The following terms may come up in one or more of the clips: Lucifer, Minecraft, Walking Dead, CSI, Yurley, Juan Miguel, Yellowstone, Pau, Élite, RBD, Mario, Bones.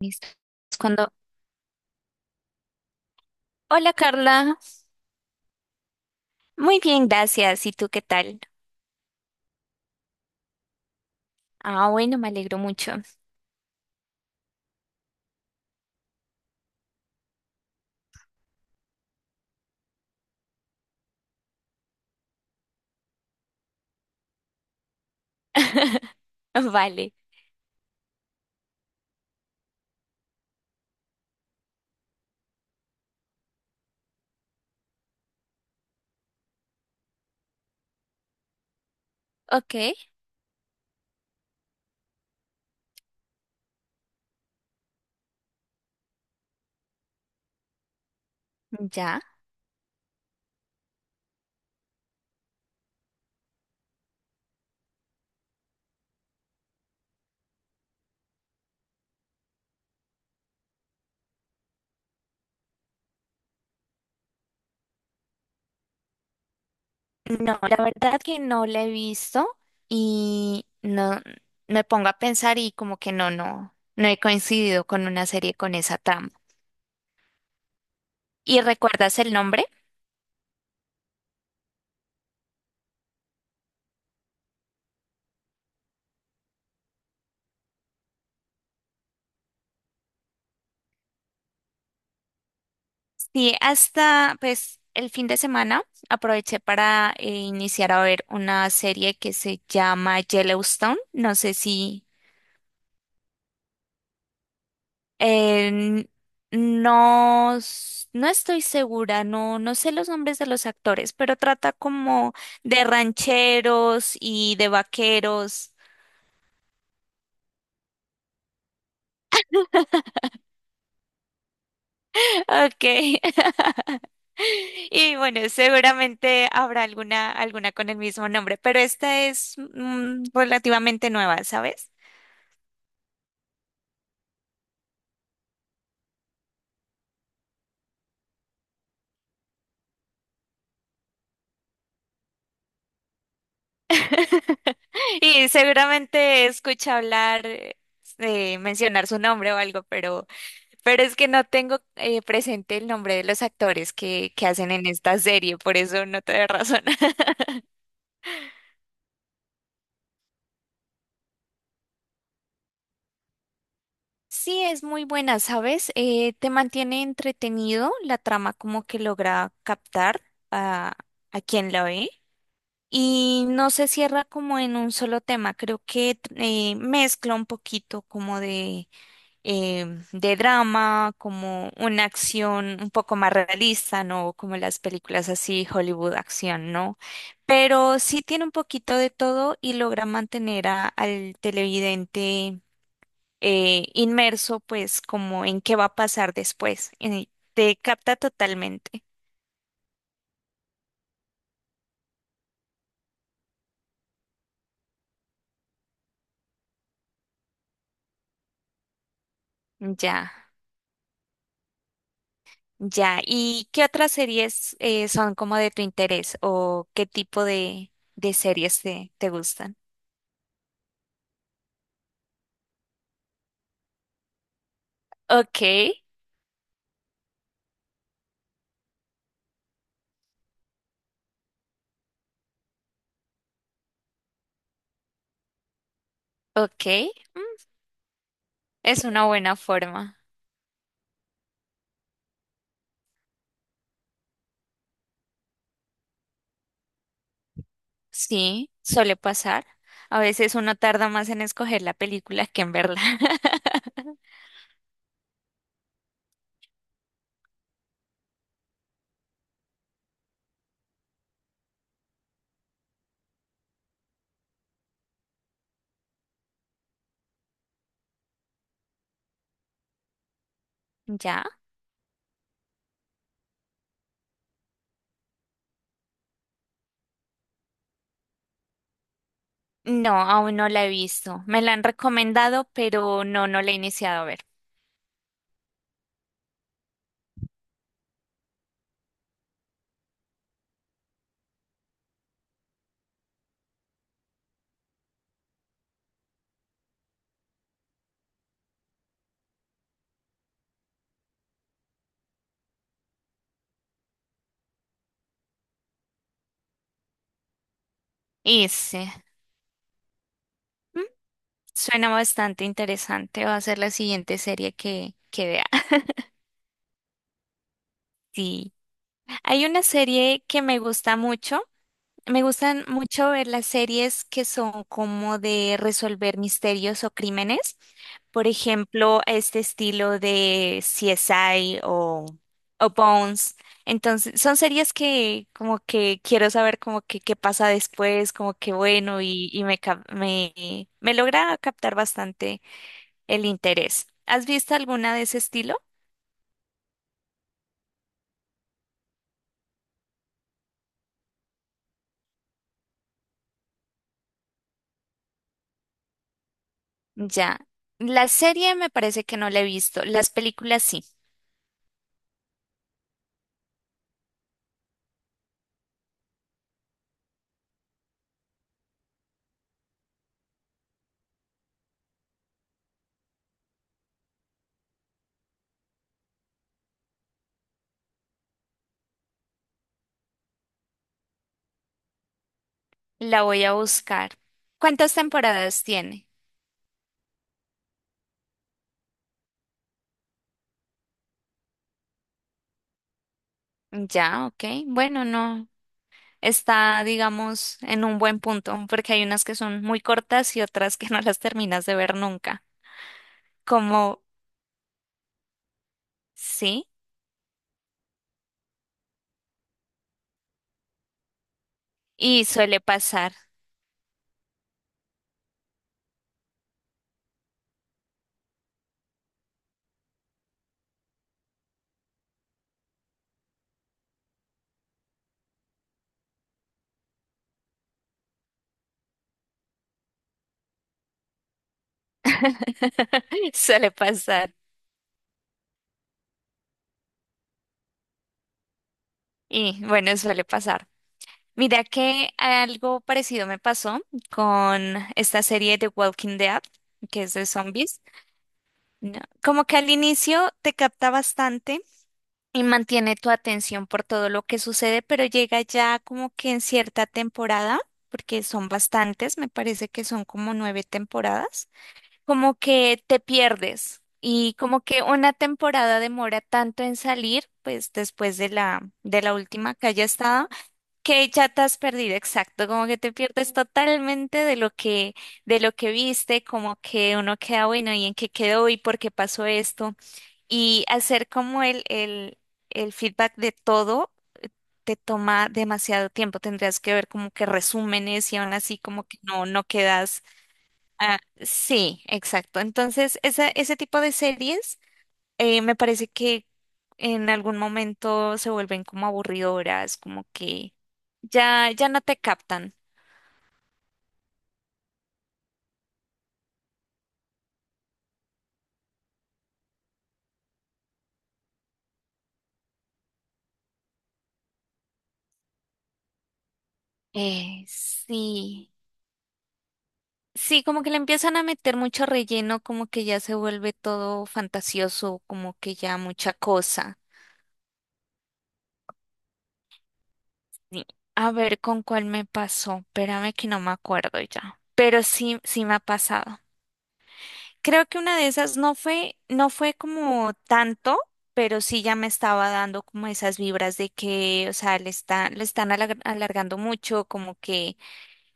Listo. Es Cuando, hola Carla, muy bien, gracias. ¿Y tú qué tal? Ah, bueno, me alegro mucho. Vale, ok, ya. No, la verdad que no la he visto y no me pongo a pensar y como que no he coincidido con una serie con esa trama. ¿Y recuerdas el nombre? Sí, hasta pues el fin de semana aproveché para iniciar a ver una serie que se llama Yellowstone. No sé si Eh, no, no estoy segura, no, no sé los nombres de los actores, pero trata como de rancheros y de vaqueros. Ok. Y bueno, seguramente habrá alguna, alguna con el mismo nombre, pero esta es relativamente nueva, ¿sabes? Y seguramente escucha hablar, mencionar su nombre o algo, pero es que no tengo presente el nombre de los actores que hacen en esta serie, por eso no te doy razón. Sí, es muy buena, ¿sabes? Te mantiene entretenido, la trama como que logra captar a, a quien la ve y no se cierra como en un solo tema, creo que mezcla un poquito como de drama, como una acción un poco más realista, ¿no? Como las películas así, Hollywood acción, ¿no? Pero sí tiene un poquito de todo y logra mantener al televidente inmerso, pues, como en qué va a pasar después. Te capta totalmente. Ya. Ya, ¿y qué otras series son como de tu interés o qué tipo de series te gustan? Ok, ok. Es una buena forma. Sí, suele pasar. A veces uno tarda más en escoger la película que en verla. ¿Ya? No, aún no la he visto. Me la han recomendado, pero no, no la he iniciado a ver. Y sí, mm, suena bastante interesante. Va a ser la siguiente serie que vea. Sí. Hay una serie que me gusta mucho. Me gustan mucho ver las series que son como de resolver misterios o crímenes. Por ejemplo, este estilo de CSI o Bones. Entonces, son series que como que quiero saber como que qué pasa después, como que bueno, me logra captar bastante el interés. ¿Has visto alguna de ese estilo? Ya. La serie me parece que no la he visto. Las películas sí. La voy a buscar. ¿Cuántas temporadas tiene? Ya, ok. Bueno, no. Está, digamos, en un buen punto, porque hay unas que son muy cortas y otras que no las terminas de ver nunca. Como, sí, y suele pasar. Suele pasar. Y bueno, suele pasar. Mira que algo parecido me pasó con esta serie de Walking Dead, que es de zombies. No, como que al inicio te capta bastante y mantiene tu atención por todo lo que sucede, pero llega ya como que en cierta temporada, porque son bastantes, me parece que son como nueve temporadas, como que te pierdes y como que una temporada demora tanto en salir, pues después de la última que haya estado, que ya te has perdido, exacto, como que te pierdes totalmente de lo que viste, como que uno queda bueno y en qué quedó y por qué pasó esto. Y hacer como el feedback de todo te toma demasiado tiempo. Tendrías que ver como que resúmenes y aún así como que no, no quedas. Ah, sí, exacto. Entonces, esa, ese tipo de series me parece que en algún momento se vuelven como aburridoras, como que ya, ya no te captan. Sí. Sí, como que le empiezan a meter mucho relleno, como que ya se vuelve todo fantasioso, como que ya mucha cosa. Sí. A ver con cuál me pasó. Espérame que no me acuerdo ya. Pero sí, sí me ha pasado. Creo que una de esas no fue, no fue como tanto, pero sí ya me estaba dando como esas vibras de que, o sea, le están alargando mucho,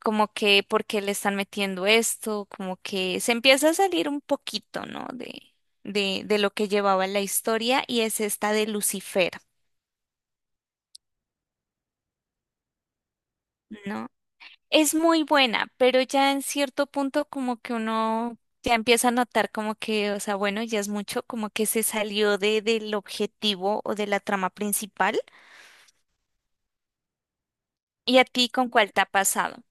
como que, ¿por qué le están metiendo esto? Como que se empieza a salir un poquito, ¿no? De lo que llevaba la historia y es esta de Lucifer, ¿no? Es muy buena, pero ya en cierto punto como que uno ya empieza a notar como que, o sea, bueno, ya es mucho, como que se salió de, del objetivo o de la trama principal. ¿Y a ti con cuál te ha pasado?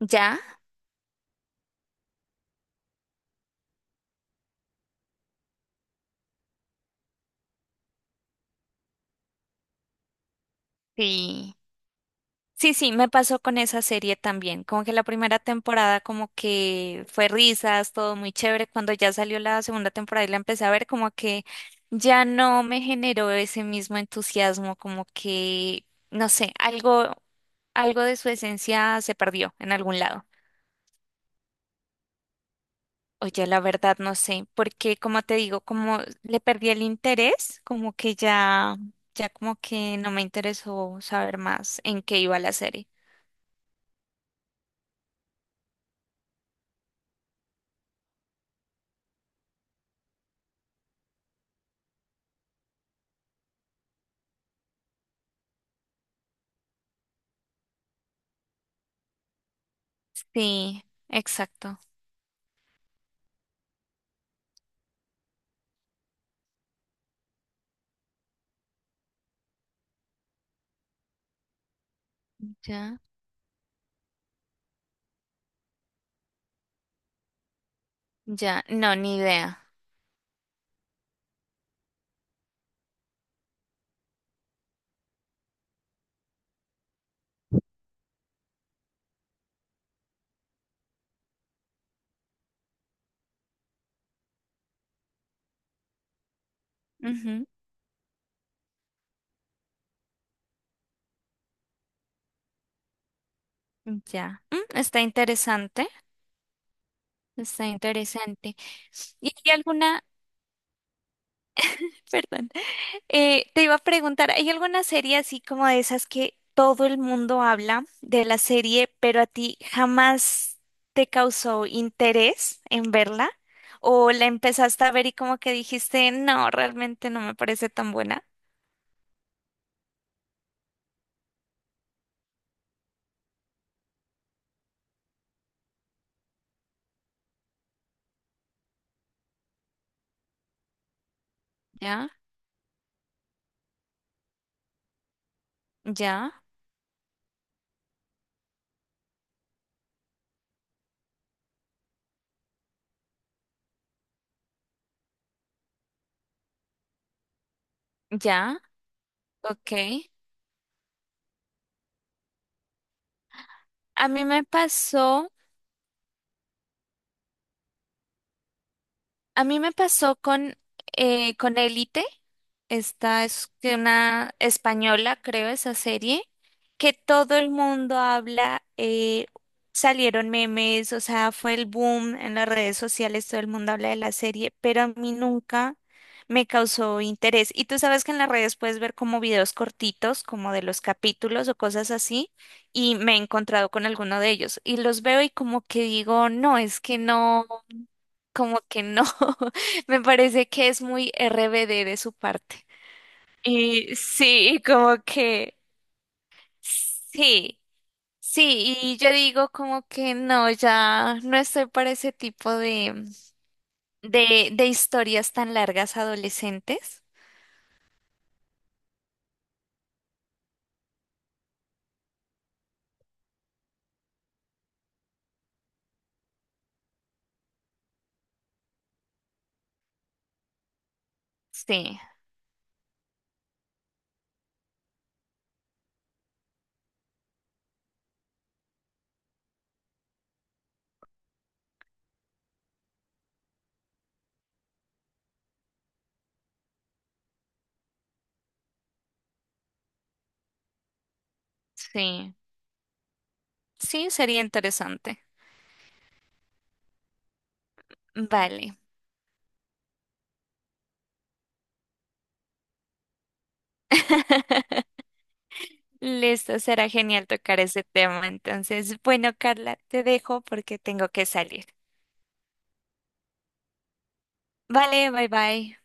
¿Ya? Sí. Sí, sí, me pasó con esa serie también, como que la primera temporada como que fue risas, todo muy chévere, cuando ya salió la segunda temporada y la empecé a ver como que ya no me generó ese mismo entusiasmo, como que, no sé, algo, algo de su esencia se perdió en algún lado. Oye, la verdad no sé, porque como te digo, como le perdí el interés, como que ya, ya como que no me interesó saber más en qué iba la serie. Sí, exacto. Ya, ya, no, ni idea. Ujú, ya, mm, está interesante, está interesante. ¿Y hay alguna, perdón, te iba a preguntar, ¿hay alguna serie así como de esas que todo el mundo habla de la serie, pero a ti jamás te causó interés en verla? ¿O la empezaste a ver y como que dijiste, no, realmente no me parece tan buena? Ya, ya, ya, ok. A mí me pasó. A mí me pasó con Élite, esta es que una española, creo, esa serie, que todo el mundo habla, salieron memes, o sea, fue el boom en las redes sociales, todo el mundo habla de la serie, pero a mí nunca me causó interés. Y tú sabes que en las redes puedes ver como videos cortitos, como de los capítulos o cosas así, y me he encontrado con alguno de ellos, y los veo y como que digo, no, es que no como que no. Me parece que es muy RBD de su parte. Y sí, como que sí, sí, y yo digo como que no, ya no estoy para ese tipo de, de historias tan largas adolescentes. Sí, sí, sí, sería interesante. Vale. Listo, será genial tocar ese tema. Entonces, bueno, Carla, te dejo porque tengo que salir. Vale, bye bye.